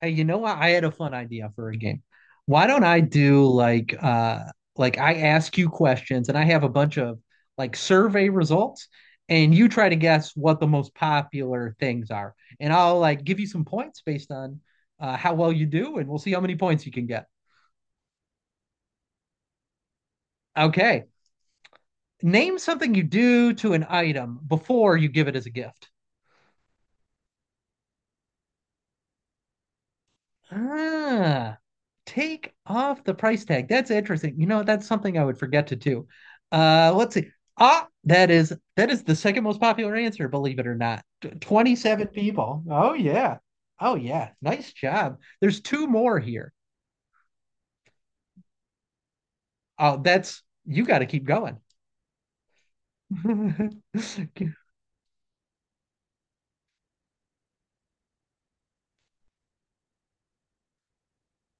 Hey, you know what? I had a fun idea for a game. Why don't I do like like I ask you questions and I have a bunch of like survey results, and you try to guess what the most popular things are. And I'll like give you some points based on how well you do, and we'll see how many points you can get. Okay. Name something you do to an item before you give it as a gift. Ah, take off the price tag. That's interesting. You know, that's something I would forget to do. Let's see. Ah, that is the second most popular answer, believe it or not. 27 people. Oh yeah. Oh yeah. Nice job. There's two more here. Oh, that's you got to keep going.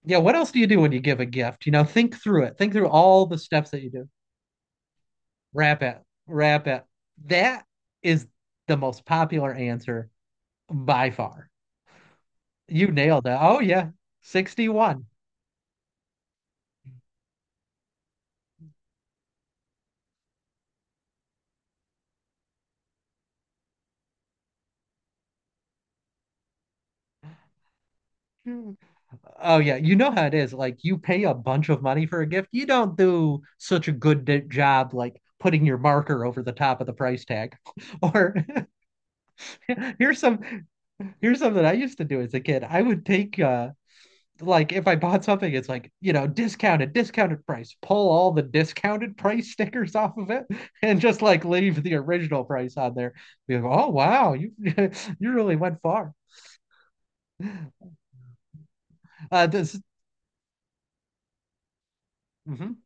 Yeah, what else do you do when you give a gift? You know, think through it. Think through all the steps that you do. Wrap it. Wrap it. That is the most popular answer by far. You nailed it. Oh yeah, 61. Hmm. Oh yeah, you know how it is. Like you pay a bunch of money for a gift, you don't do such a job like putting your marker over the top of the price tag. Or here's some here's something I used to do as a kid. I would take like if I bought something, it's like, you know, discounted, discounted price. Pull all the discounted price stickers off of it and just like leave the original price on there. Be like, oh wow, you you really went far. This mhm.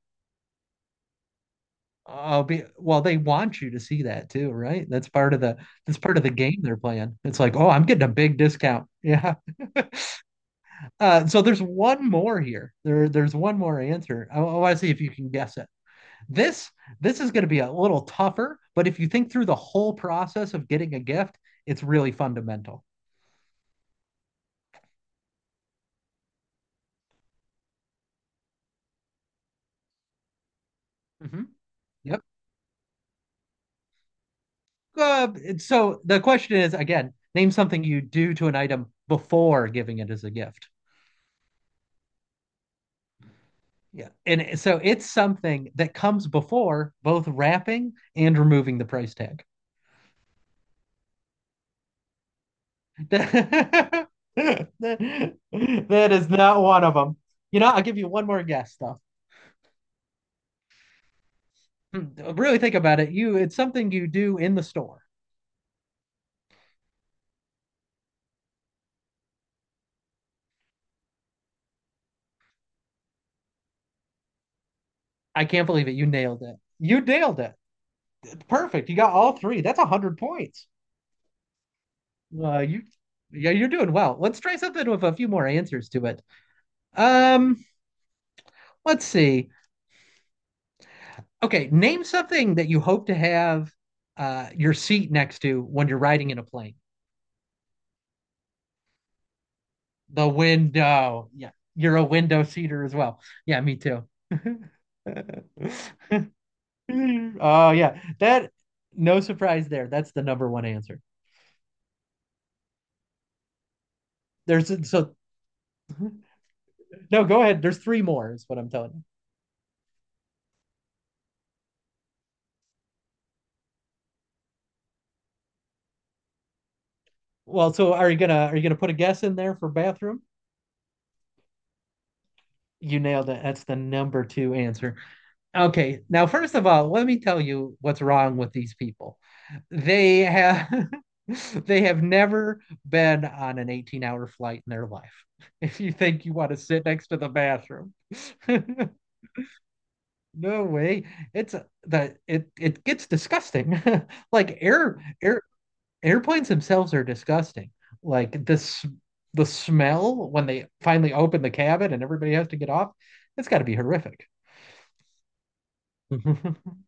I'll be well, they want you to see that too, right? That's part of the game they're playing. It's like, oh, I'm getting a big discount. Yeah. So there's one more here. There's one more answer. I want to see if you can guess it. This this is going to be a little tougher, but if you think through the whole process of getting a gift, it's really fundamental. Mhm. Yep. Uh, so the question is again, name something you do to an item before giving it as a gift. Yeah. And so it's something that comes before both wrapping and removing the price tag. That is not one of them. You know, I'll give you one more guess though. Hmm, really think about it. You, it's something you do in the store. I can't believe it. You nailed it. You nailed it. Perfect. You got all three. That's 100 points. Uh, you, yeah, you're doing well. Let's try something with a few more answers to it. Um, let's see. Okay, name something that you hope to have your seat next to when you're riding in a plane. The window. Yeah, you're a window seater as well. Yeah, me too. Oh yeah, that no surprise there. That's the number one answer. There's so no, go ahead. There's three more is what I'm telling you. Well, so are you gonna put a guess in there for bathroom? You nailed it. That's the number two answer. Okay, now first of all, let me tell you what's wrong with these people. They have they have never been on an 18-hour flight in their life. If you think you want to sit next to the bathroom. No way. It's the it it gets disgusting. Like airplanes themselves are disgusting. Like this The smell when they finally open the cabin and everybody has to get off, it's got to be horrific.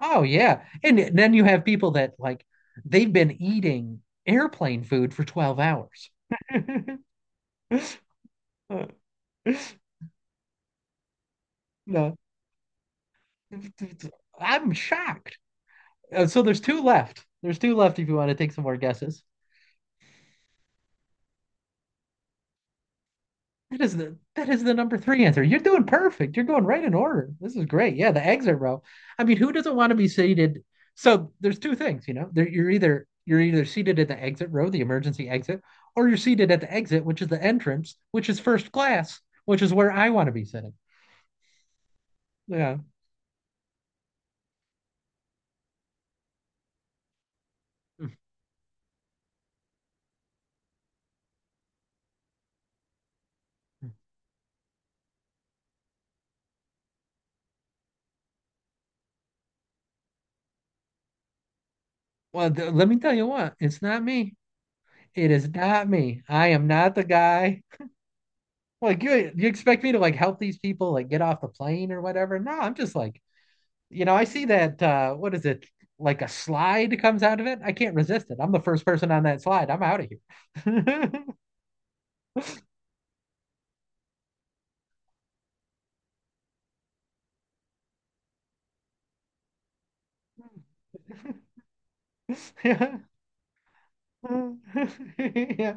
Oh yeah. And then you have people that like they've been eating airplane food for 12 hours. No. I'm shocked. So there's two left. There's two left if you want to take some more guesses. That is the number three answer. You're doing perfect. You're going right in order. This is great. Yeah, the eggs are row. I mean, who doesn't want to be seated? So there's two things, you know. There, you're either seated at the exit row, the emergency exit, or you're seated at the exit, which is the entrance, which is first class, which is where I want to be sitting. Yeah. Mm. Well, let me tell you what, it's not me. It is not me. I am not the guy. Like you expect me to like help these people like get off the plane or whatever? No, I'm just like, you know, I see that what is it? Like a slide comes out of it. I can't resist it. I'm the first person on that slide. I'm out of here. Yeah. Uh, yeah.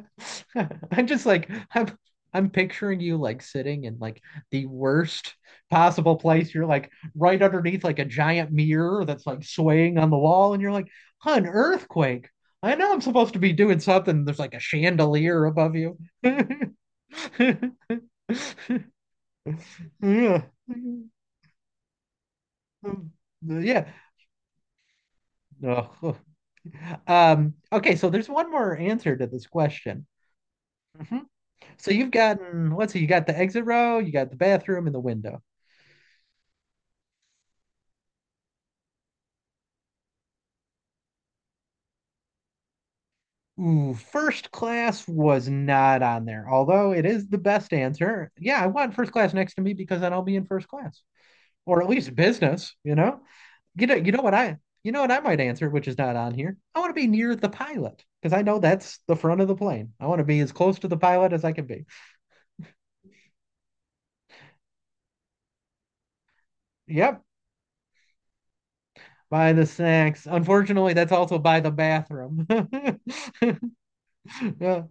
I'm just like I'm picturing you like sitting in like the worst possible place. You're like right underneath like a giant mirror that's like swaying on the wall, and you're like, huh, an earthquake. I know I'm supposed to be doing something. There's like a chandelier above you. Yeah. Yeah. Ugh. Okay, so there's one more answer to this question. So you've gotten, let's see, you got the exit row, you got the bathroom and the window. Ooh, first class was not on there, although it is the best answer. Yeah, I want first class next to me because then I'll be in first class, or at least business, you know? You know, you know what I might answer, which is not on here. I want to be near the pilot because I know that's the front of the plane. I want to be as close to the pilot as I can be. Yep, by the snacks. Unfortunately, that's also by the bathroom. Yeah.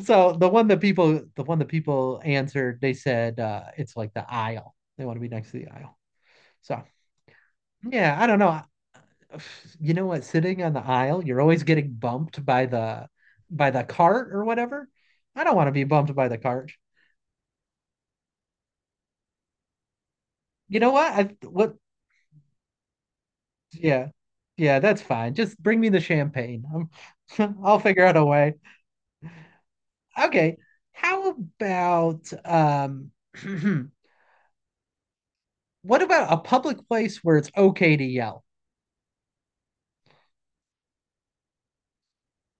So the one that people answered, they said it's like the aisle. They want to be next to the aisle. So yeah, I don't know. You know what? Sitting on the aisle, you're always getting bumped by the cart or whatever. I don't want to be bumped by the cart. You know what? I what Yeah. Yeah, that's fine. Just bring me the champagne. I'm, I'll figure out a way. Okay. How about what about a public place where it's okay to yell?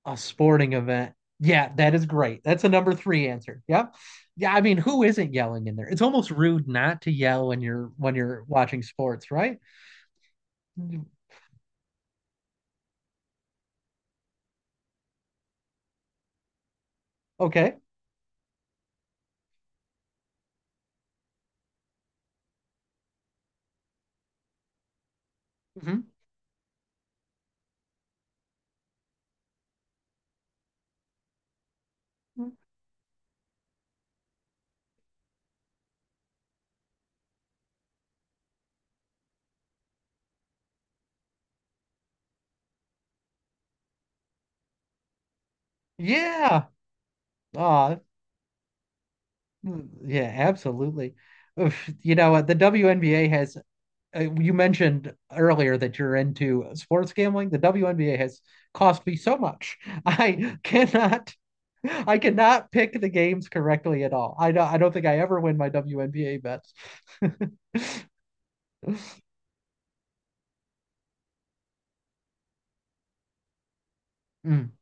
A sporting event. Yeah, that is great. That's a number three answer. Yep. Yeah, I mean, who isn't yelling in there? It's almost rude not to yell when you're watching sports, right? Mm, okay. Hmm. Yeah. Uh, yeah, absolutely. Oof, you know, the WNBA has you mentioned earlier that you're into sports gambling. The WNBA has cost me so much. I cannot, I cannot pick the games correctly at all. I don't think I ever win my WNBA bets. Mm.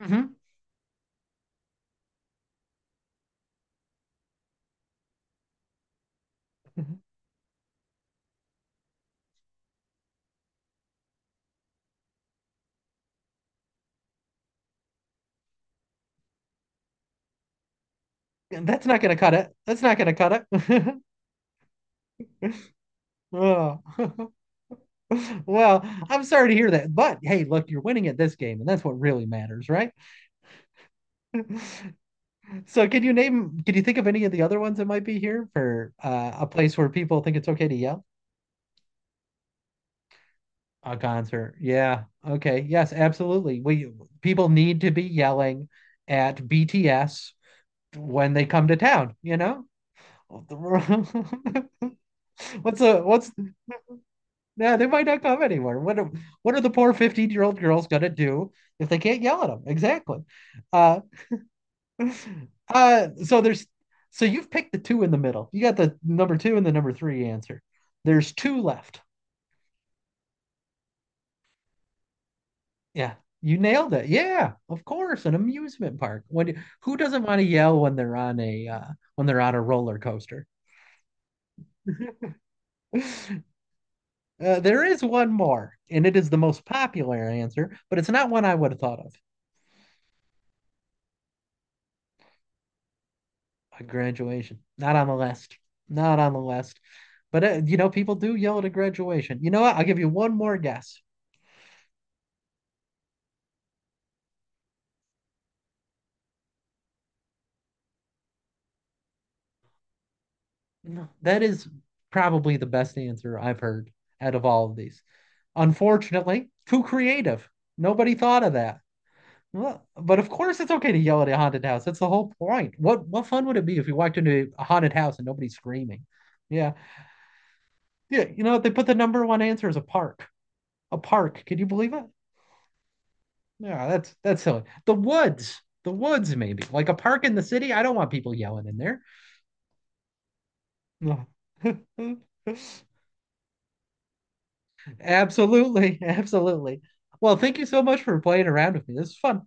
Mhm. Mhm. That's not going to cut it. That's not going to cut it. Oh. Well, I'm sorry to hear that, but hey, look, you're winning at this game, and that's what really matters, right? So, can you think of any of the other ones that might be here for a place where people think it's okay to yell? A concert. Yeah. Okay. Yes, absolutely. We People need to be yelling at BTS when they come to town, you know? What's a what's yeah, they might not come anywhere. What are the poor 15-year-old girls gonna do if they can't yell at them? Exactly. Uh so there's So you've picked the two in the middle. You got the number two and the number three answer. There's two left. Yeah, you nailed it. Yeah, of course, an amusement park. Who doesn't want to yell when they're on a when they're on a roller coaster? There is one more, and it is the most popular answer, but it's not one I would have thought of. A graduation, not on the list, not on the list. But you know, people do yell at a graduation. You know what? I'll give you one more guess. No, that is probably the best answer I've heard out of all of these. Unfortunately, too creative. Nobody thought of that. Well, but of course it's okay to yell at a haunted house. That's the whole point. What fun would it be if you walked into a haunted house and nobody's screaming? Yeah. Yeah, you know, they put the number one answer as a park. A park. Can you believe it? Yeah, that's silly. The woods. The woods maybe. Like a park in the city. I don't want people yelling in there. No. Absolutely. Absolutely. Well, thank you so much for playing around with me. This is fun.